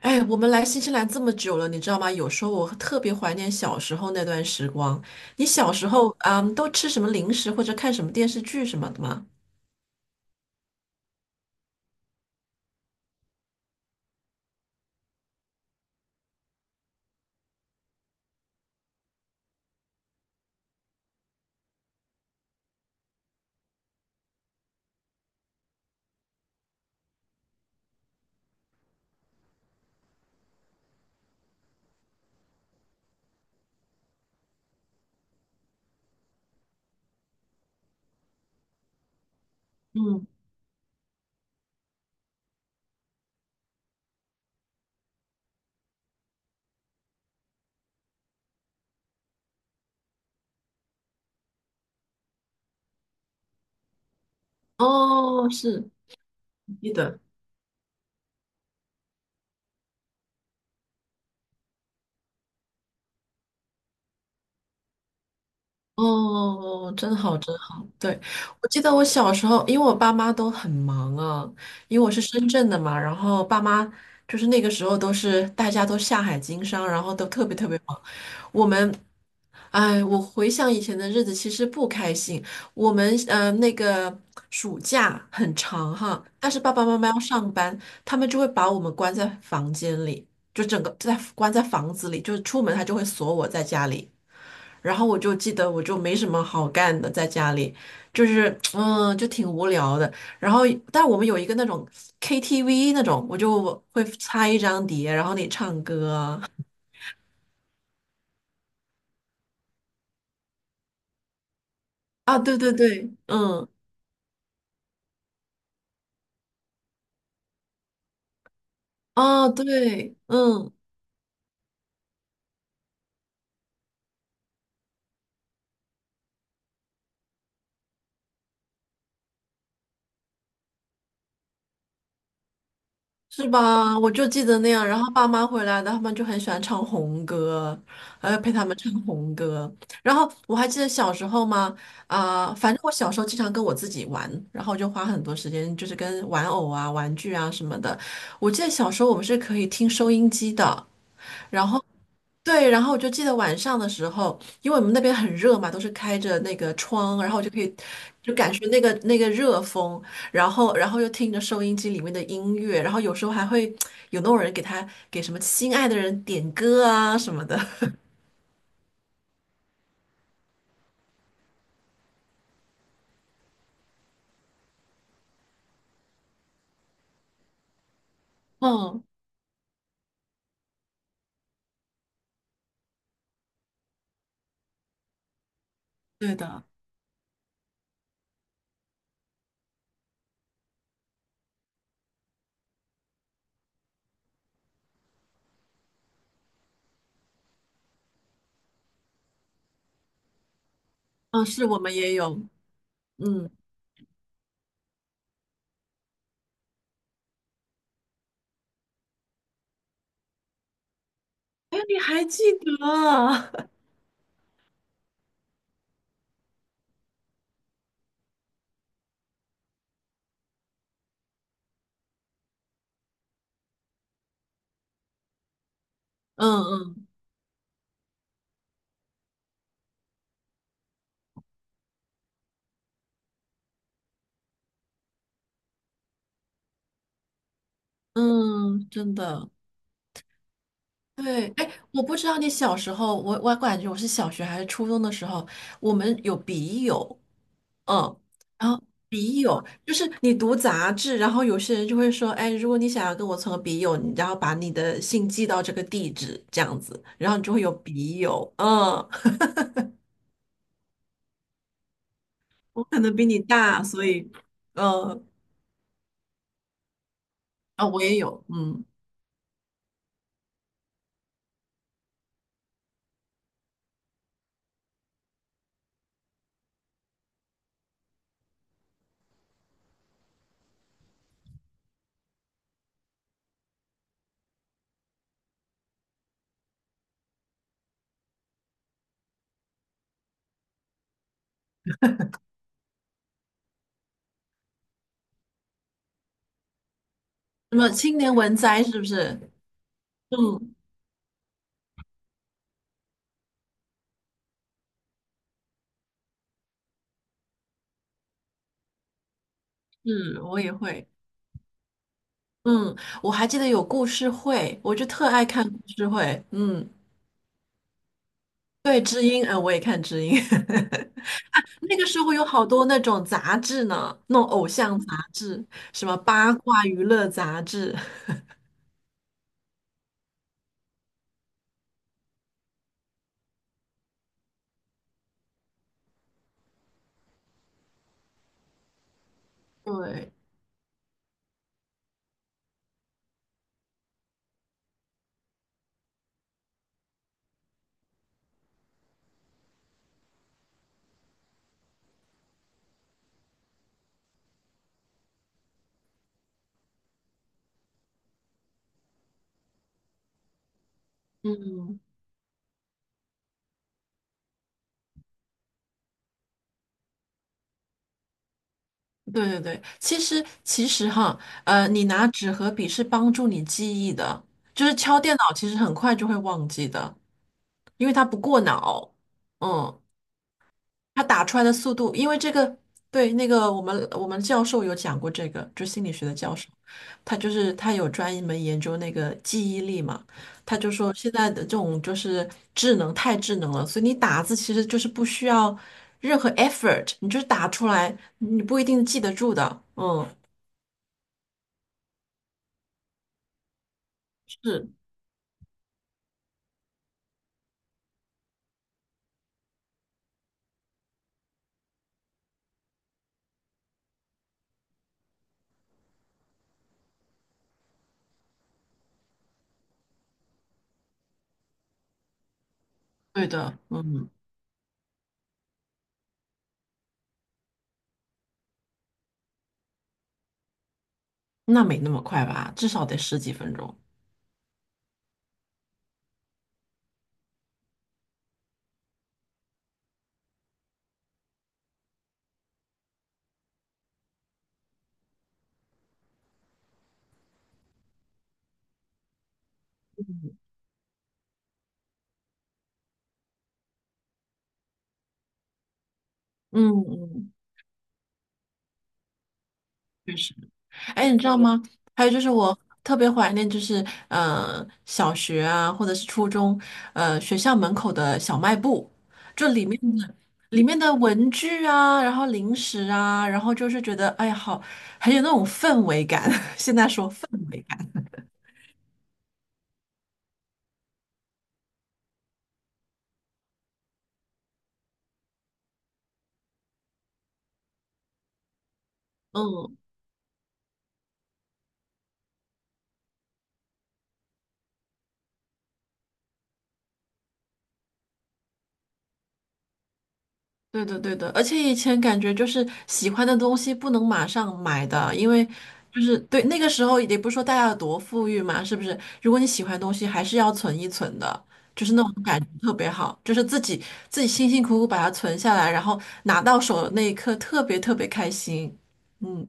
哎，我们来新西兰这么久了，你知道吗？有时候我特别怀念小时候那段时光。你小时候，都吃什么零食或者看什么电视剧什么的吗？嗯，哦，是，记得。哦，真好，真好。对，我记得我小时候，因为我爸妈都很忙啊，因为我是深圳的嘛，然后爸妈就是那个时候都是大家都下海经商，然后都特别特别忙。我们，哎，我回想以前的日子，其实不开心。我们那个暑假很长哈，但是爸爸妈妈要上班，他们就会把我们关在房间里，就整个在关在房子里，就是出门他就会锁我在家里。然后我就记得我就没什么好干的，在家里就是就挺无聊的。然后，但我们有一个那种 KTV 那种，我就会插一张碟，然后你唱歌啊。啊，对对对，嗯，啊，对，嗯，是吧？我就记得那样，然后爸妈回来的，他们就很喜欢唱红歌，还要陪他们唱红歌。然后我还记得小时候嘛，啊、反正我小时候经常跟我自己玩，然后就花很多时间，就是跟玩偶啊、玩具啊什么的。我记得小时候我们是可以听收音机的，对，然后我就记得晚上的时候，因为我们那边很热嘛，都是开着那个窗，然后我就可以就感受那个热风，然后又听着收音机里面的音乐，然后有时候还会有那种人给他给什么心爱的人点歌啊什么的。嗯，对的，嗯，是我们也有，嗯，哎，你还记得啊 嗯嗯嗯，真的。对，哎，我不知道你小时候，我感觉我是小学还是初中的时候，我们有笔友，嗯，然后笔友就是你读杂志，然后有些人就会说，哎，如果你想要跟我成为笔友，你然后把你的信寄到这个地址，这样子，然后你就会有笔友，嗯，我可能比你大，所以，嗯，啊，我也有，嗯，什么青年文摘是不是？嗯，是，我也会。嗯，我还记得有故事会，我就特爱看故事会。嗯，对，知音，我也看知音。那个时候有好多那种杂志呢，那种偶像杂志，什么八卦娱乐杂志。对，嗯，对对对，其实哈，你拿纸和笔是帮助你记忆的，就是敲电脑其实很快就会忘记的，因为它不过脑。嗯。它打出来的速度，因为这个，对，那个我们教授有讲过这个，就心理学的教授，他就是他有专门研究那个记忆力嘛，他就说现在的这种就是智能太智能了，所以你打字其实就是不需要任何 effort，你就是打出来，你不一定记得住的，嗯，是对的，嗯，那没那么快吧，至少得十几分钟，嗯嗯，确实。哎，你知道吗？还有就是我特别怀念，就是小学啊，或者是初中，学校门口的小卖部，就里面的文具啊，然后零食啊，然后就是觉得哎呀好，很有那种氛围感。现在说，嗯。对的，对的，而且以前感觉就是喜欢的东西不能马上买的，因为就是对那个时候也不是说大家有多富裕嘛，是不是？如果你喜欢的东西，还是要存一存的，就是那种感觉特别好，就是自己辛辛苦苦把它存下来，然后拿到手的那一刻特别特别开心。嗯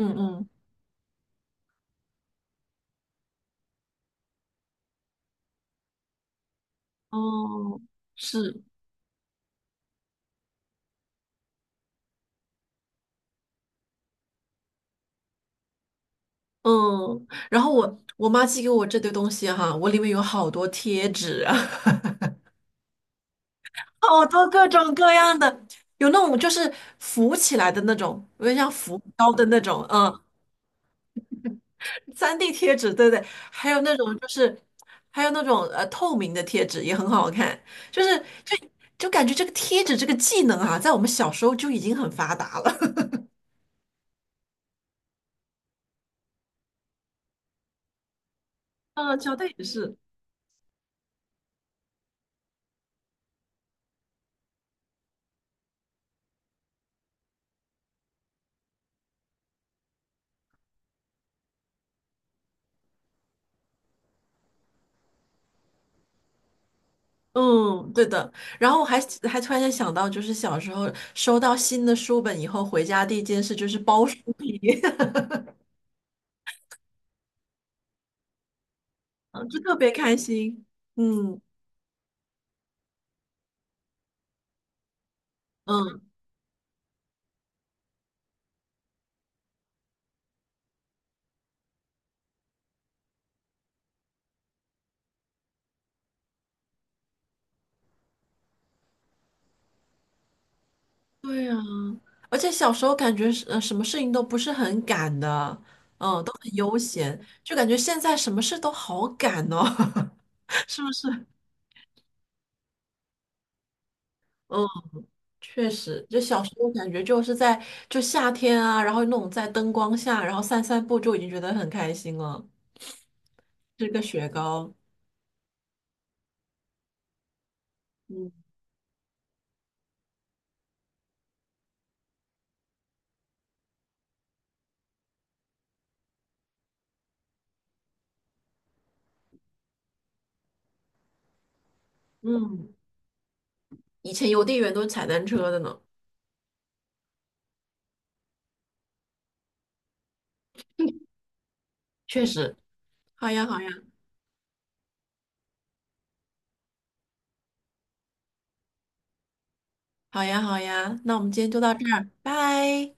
嗯哦，是嗯，然后我妈寄给我这堆东西哈，我里面有好多贴纸啊。好多各种各样的，有那种就是浮起来的那种，有点像浮标的那种，3D 贴纸，对对，还有那种就是，还有那种透明的贴纸也很好看，就是就就感觉这个贴纸这个技能啊，在我们小时候就已经很发达了，嗯，乔丹也是。嗯，对的。然后我还突然间想到，就是小时候收到新的书本以后，回家第一件事就是包书皮，嗯就特别开心。嗯嗯。对呀，而且小时候感觉是什么事情都不是很赶的，嗯，都很悠闲，就感觉现在什么事都好赶哦，是不是？嗯，确实，就小时候感觉就是就夏天啊，然后那种在灯光下，然后散散步就已经觉得很开心了，吃个雪糕，嗯嗯，以前邮递员都是踩单车的呢，确实。好呀，好呀，好呀，好呀，那我们今天就到这儿，拜。